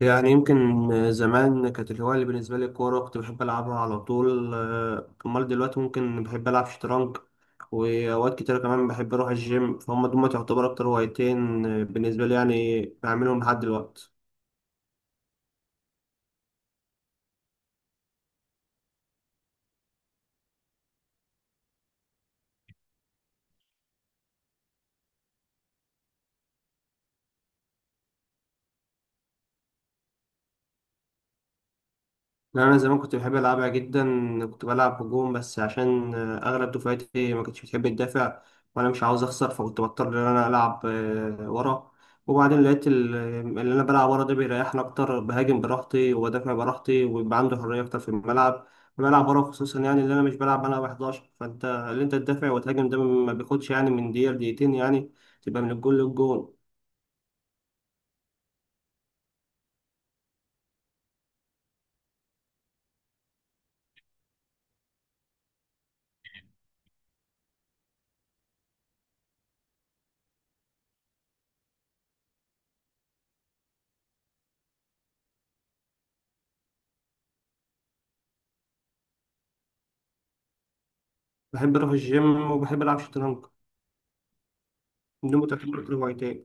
يعني يمكن زمان كانت الهواية اللي بالنسبة لي الكورة، كنت بحب ألعبها على طول، أمال دلوقتي ممكن بحب ألعب شطرنج، وأوقات كتيرة كمان بحب أروح الجيم. فهم دول تعتبر أكتر هوايتين بالنسبة لي، يعني بعملهم لحد دلوقتي. لا، أنا زمان كنت بحب ألعبها جدا. كنت بلعب هجوم بس عشان أغلب دفعتي ما كانتش بتحب تدافع، وأنا مش عاوز أخسر، فكنت بضطر إن أنا ألعب ورا. وبعدين لقيت اللي أنا بلعب ورا ده بيريحني أكتر، بهاجم براحتي وبدافع براحتي، ويبقى عندي حرية أكتر في الملعب. بلعب ورا خصوصا، يعني اللي أنا مش بلعب أنا 11، فأنت اللي أنت تدافع وتهاجم ده ما بياخدش يعني من دقيقة لدقيقتين، يعني تبقى من الجول للجول. بحب أروح الجيم وبحب ألعب شطرنج، دول متعتبر هوايتين.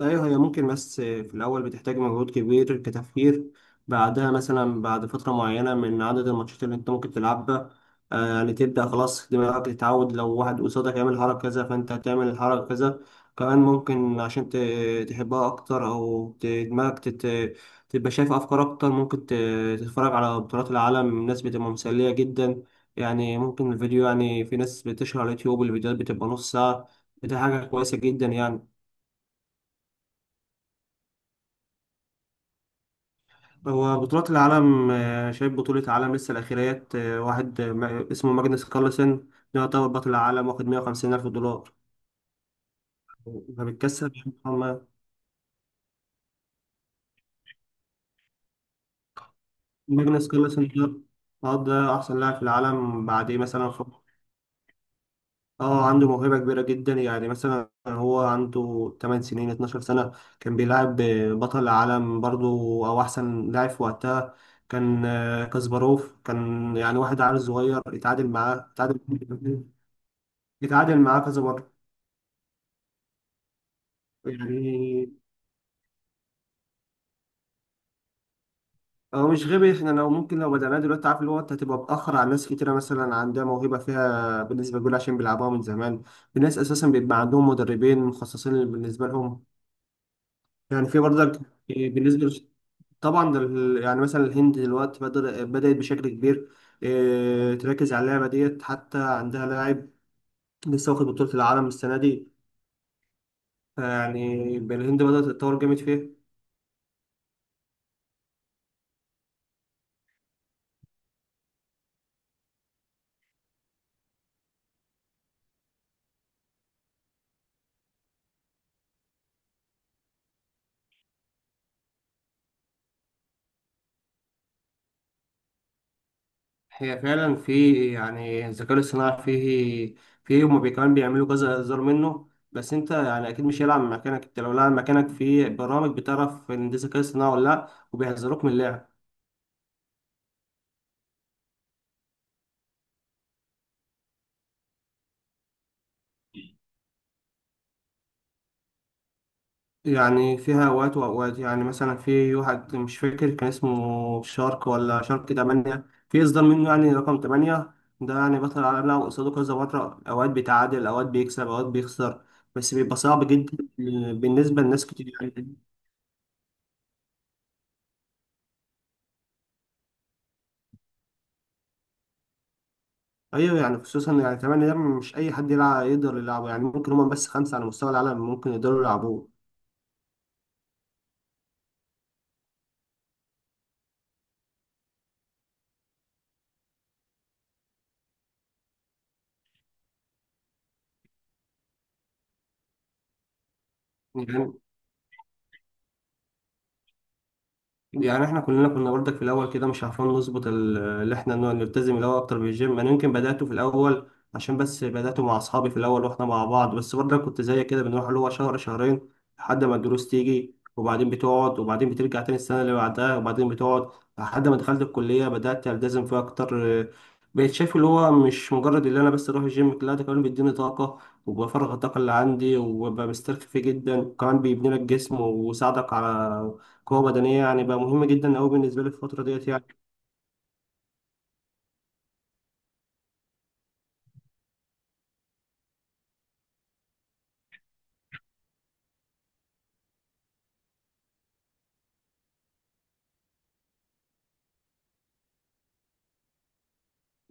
ايوه، هي ممكن، بس في الاول بتحتاج مجهود كبير كتفكير. بعدها مثلا بعد فتره معينه من عدد الماتشات اللي انت ممكن تلعبها، يعني تبدا خلاص دماغك تتعود، لو واحد قصادك يعمل حركه كذا فانت هتعمل الحركه كذا. كمان ممكن عشان تحبها اكتر، او تبقى شايف افكار اكتر. ممكن تتفرج على بطولات العالم، ناس بتبقى مسليه جدا. يعني ممكن الفيديو، يعني في ناس بتشهر على اليوتيوب الفيديوهات بتبقى نص ساعه. دي حاجه كويسه جدا يعني. هو بطولات العالم، شايف بطولة عالم لسه الأخيرات، واحد، اسمه ماجنس كارلسن. ده يعتبر بطل العالم، واخد 150 ألف دولار. فبيتكسب يعني ماجنس كارلسن ده، ده أحسن لاعب في العالم بعد إيه مثلا اه، عنده موهبة كبيرة جدا، يعني مثلا هو عنده 8 سنين 12 سنة كان بيلعب بطل العالم برضو، أو أحسن لاعب في وقتها، كان كاسباروف. كان يعني واحد عيل صغير اتعادل معاه اتعادل معاه كذا مرة. يعني هو مش غبي، احنا لو بدأناه دلوقتي عارف اللي هو انت هتبقى متأخر على ناس كتيرة مثلا عندها موهبة فيها بالنسبة لجول، عشان بيلعبوها من زمان. في ناس أساسا بيبقى عندهم مدربين مخصصين بالنسبة لهم. يعني في برضك. إيه، بالنسبة لش- طبعا ده يعني مثلا الهند دلوقتي بدأت بشكل كبير. تركز على اللعبة ديت، حتى عندها لاعب لسه واخد بطولة العالم السنة دي. يعني الهند بدأت تتطور جامد فيها. هي فعلا في، يعني الذكاء الاصطناعي فيه. هما كمان بيعملوا كذا هزار منه، بس انت يعني اكيد مش هيلعب مكانك. انت لو لعب مكانك في برامج بتعرف ان ده ذكاء اصطناعي ولا لا، وبيحذروك من اللعب. يعني فيها اوقات واوقات، يعني مثلا في واحد مش فاكر كان اسمه شارك ولا شارك 8، في اصدار منه يعني رقم 8. ده يعني بطل العالم لعب قصاده كذا مرة، اوقات بيتعادل اوقات بيكسب اوقات بيخسر، بس بيبقى صعب جدا بالنسبة لناس كتير يعني. ايوه، يعني خصوصا يعني كمان ده مش اي حد يلعب يقدر يلعبه، يعني ممكن هما بس خمسه على مستوى العالم ممكن يقدروا يلعبوه. يعني يعني احنا كلنا كنا برضك في الاول كده مش عارفين نظبط اللي احنا نلتزم الاول اكتر بالجيم. انا يمكن بداته في الاول عشان بس بداته مع اصحابي في الاول واحنا مع بعض، بس برضك كنت زي كده بنروح اللي هو شهر شهرين، لحد ما الدروس تيجي وبعدين بتقعد، وبعدين بترجع تاني السنه اللي بعدها وبعدين بتقعد. لحد ما دخلت الكليه بدات التزم فيها اكتر. بقيت شايف اللي هو مش مجرد اللي انا بس اروح الجيم، لا ده كمان بيديني طاقه، وبفرغ الطاقه اللي عندي، وببقى مسترخي فيه جدا، وكمان بيبني لك جسم ويساعدك على قوة بدنية. يعني بقى مهم جدا أوي بالنسبة لي في الفترة ديت يعني.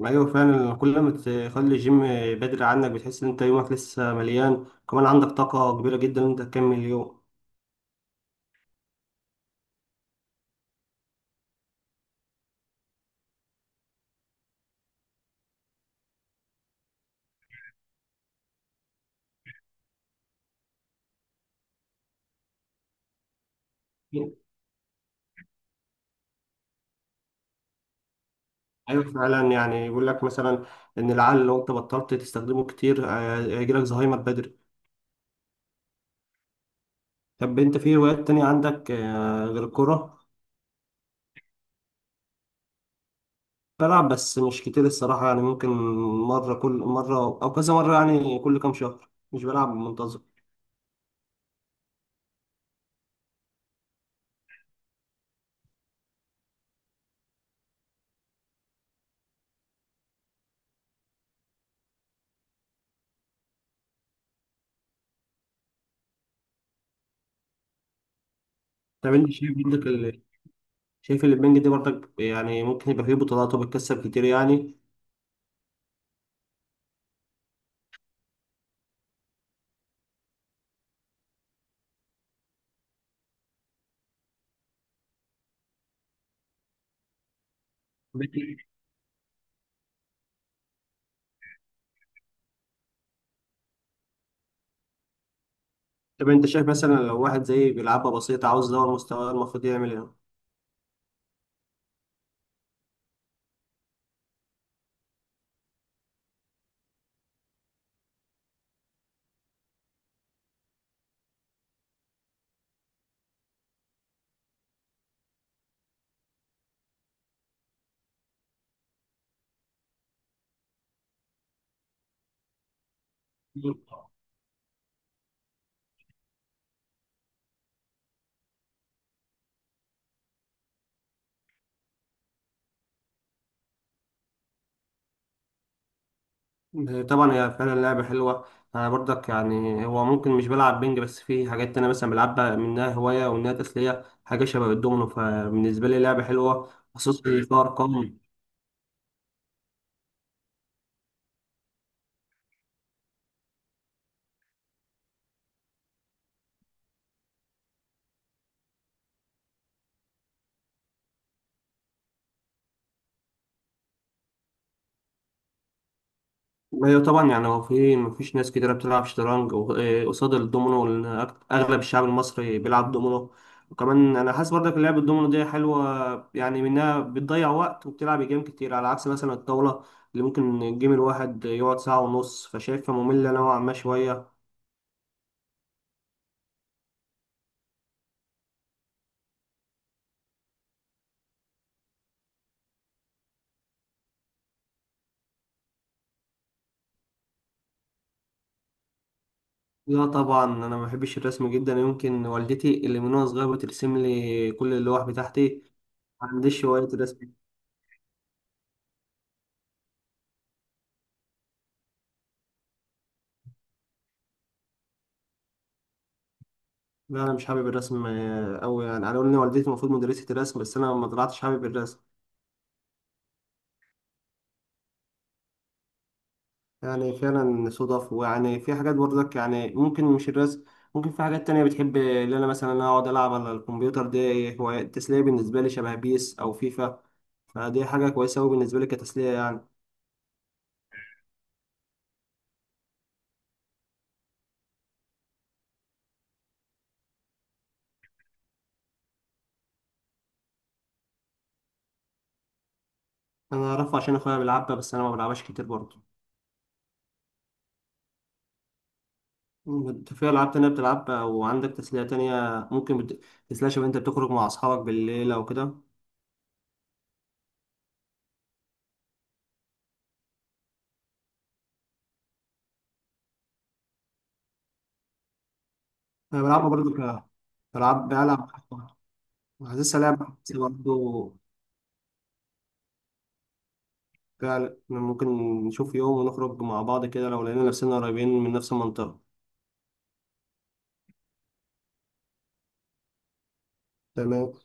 أيوة، فعلا كل ما تخلي الجيم بدري عنك بتحس إن أنت يومك لسه مليان، كمان عندك طاقة كبيرة جدا إن أنت تكمل اليوم. أيوة، فعلا يعني بيقول لك مثلا إن العقل لو أنت بطلت تستخدمه كتير هيجيلك زهايمر بدري. طب أنت في هوايات تانية عندك غير الكورة؟ بلعب بس مش كتير الصراحة، يعني ممكن مرة كل مرة، أو كذا مرة يعني كل كام شهر، مش بلعب منتظم. طب أنت شايف اللي البنج دي برضك يعني ممكن يبقى فيه بطولات وبتكسب كتير يعني؟ طب انت طب انت شايف مثلا لو واحد زي بيلعبها بسيطة عاوز يدور مستواه المفروض يعمل ايه؟ طبعا هي فعلا لعبة حلوة. انا برضك، يعني هو ممكن مش بلعب بنج، بس في حاجات انا مثلا بلعبها، منها هواية ومنها تسلية، حاجة شبه الدومينو فبالنسبة لي لعبة حلوة، خصوصا في ارقام. ايوه طبعا، يعني هو في مفيش ناس كتيرة بتلعب شطرنج و- إيه قصاد الدومينو، لأن اغلب الشعب المصري بيلعب دومينو. وكمان انا حاسس برضك لعب الدومينو دي حلوة، يعني منها بتضيع وقت وبتلعب جيم كتير، على عكس مثلا الطاولة اللي ممكن الجيم الواحد يقعد ساعة ونص، فشايفها مملة نوعا ما شوية. لا طبعا، انا ما بحبش الرسم جدا، يمكن والدتي اللي من وانا صغير بترسم لي كل اللوح بتاعتي. ما عنديش هواية الرسم. لا انا مش حابب الرسم قوي، يعني انا قالوا لي إن والدتي المفروض مدرسة الرسم، بس انا ما طلعتش حابب الرسم. يعني فعلا صدف، ويعني في حاجات برضك يعني ممكن مش الرسم، ممكن في حاجات تانية بتحب، اللي انا مثلا اقعد العب على الكمبيوتر، دي هو التسلية بالنسبة لي شبه بيس او فيفا. فدي حاجة كويسة قوي بالنسبة لي كتسلية يعني. انا اعرفها عشان اخويا بيلعبها، بس انا ما بلعبهاش كتير برضه. انت في العاب تانية بتلعبها وعندك تسلية تانية؟ ممكن تسلية شبه انت بتخرج مع اصحابك بالليل او كده؟ انا بلعبها برضه بلعب. عايزين سلام برضه، فعلا ممكن نشوف يوم ونخرج مع بعض كده، لو لقينا نفسنا قريبين من نفس المنطقة. تمام.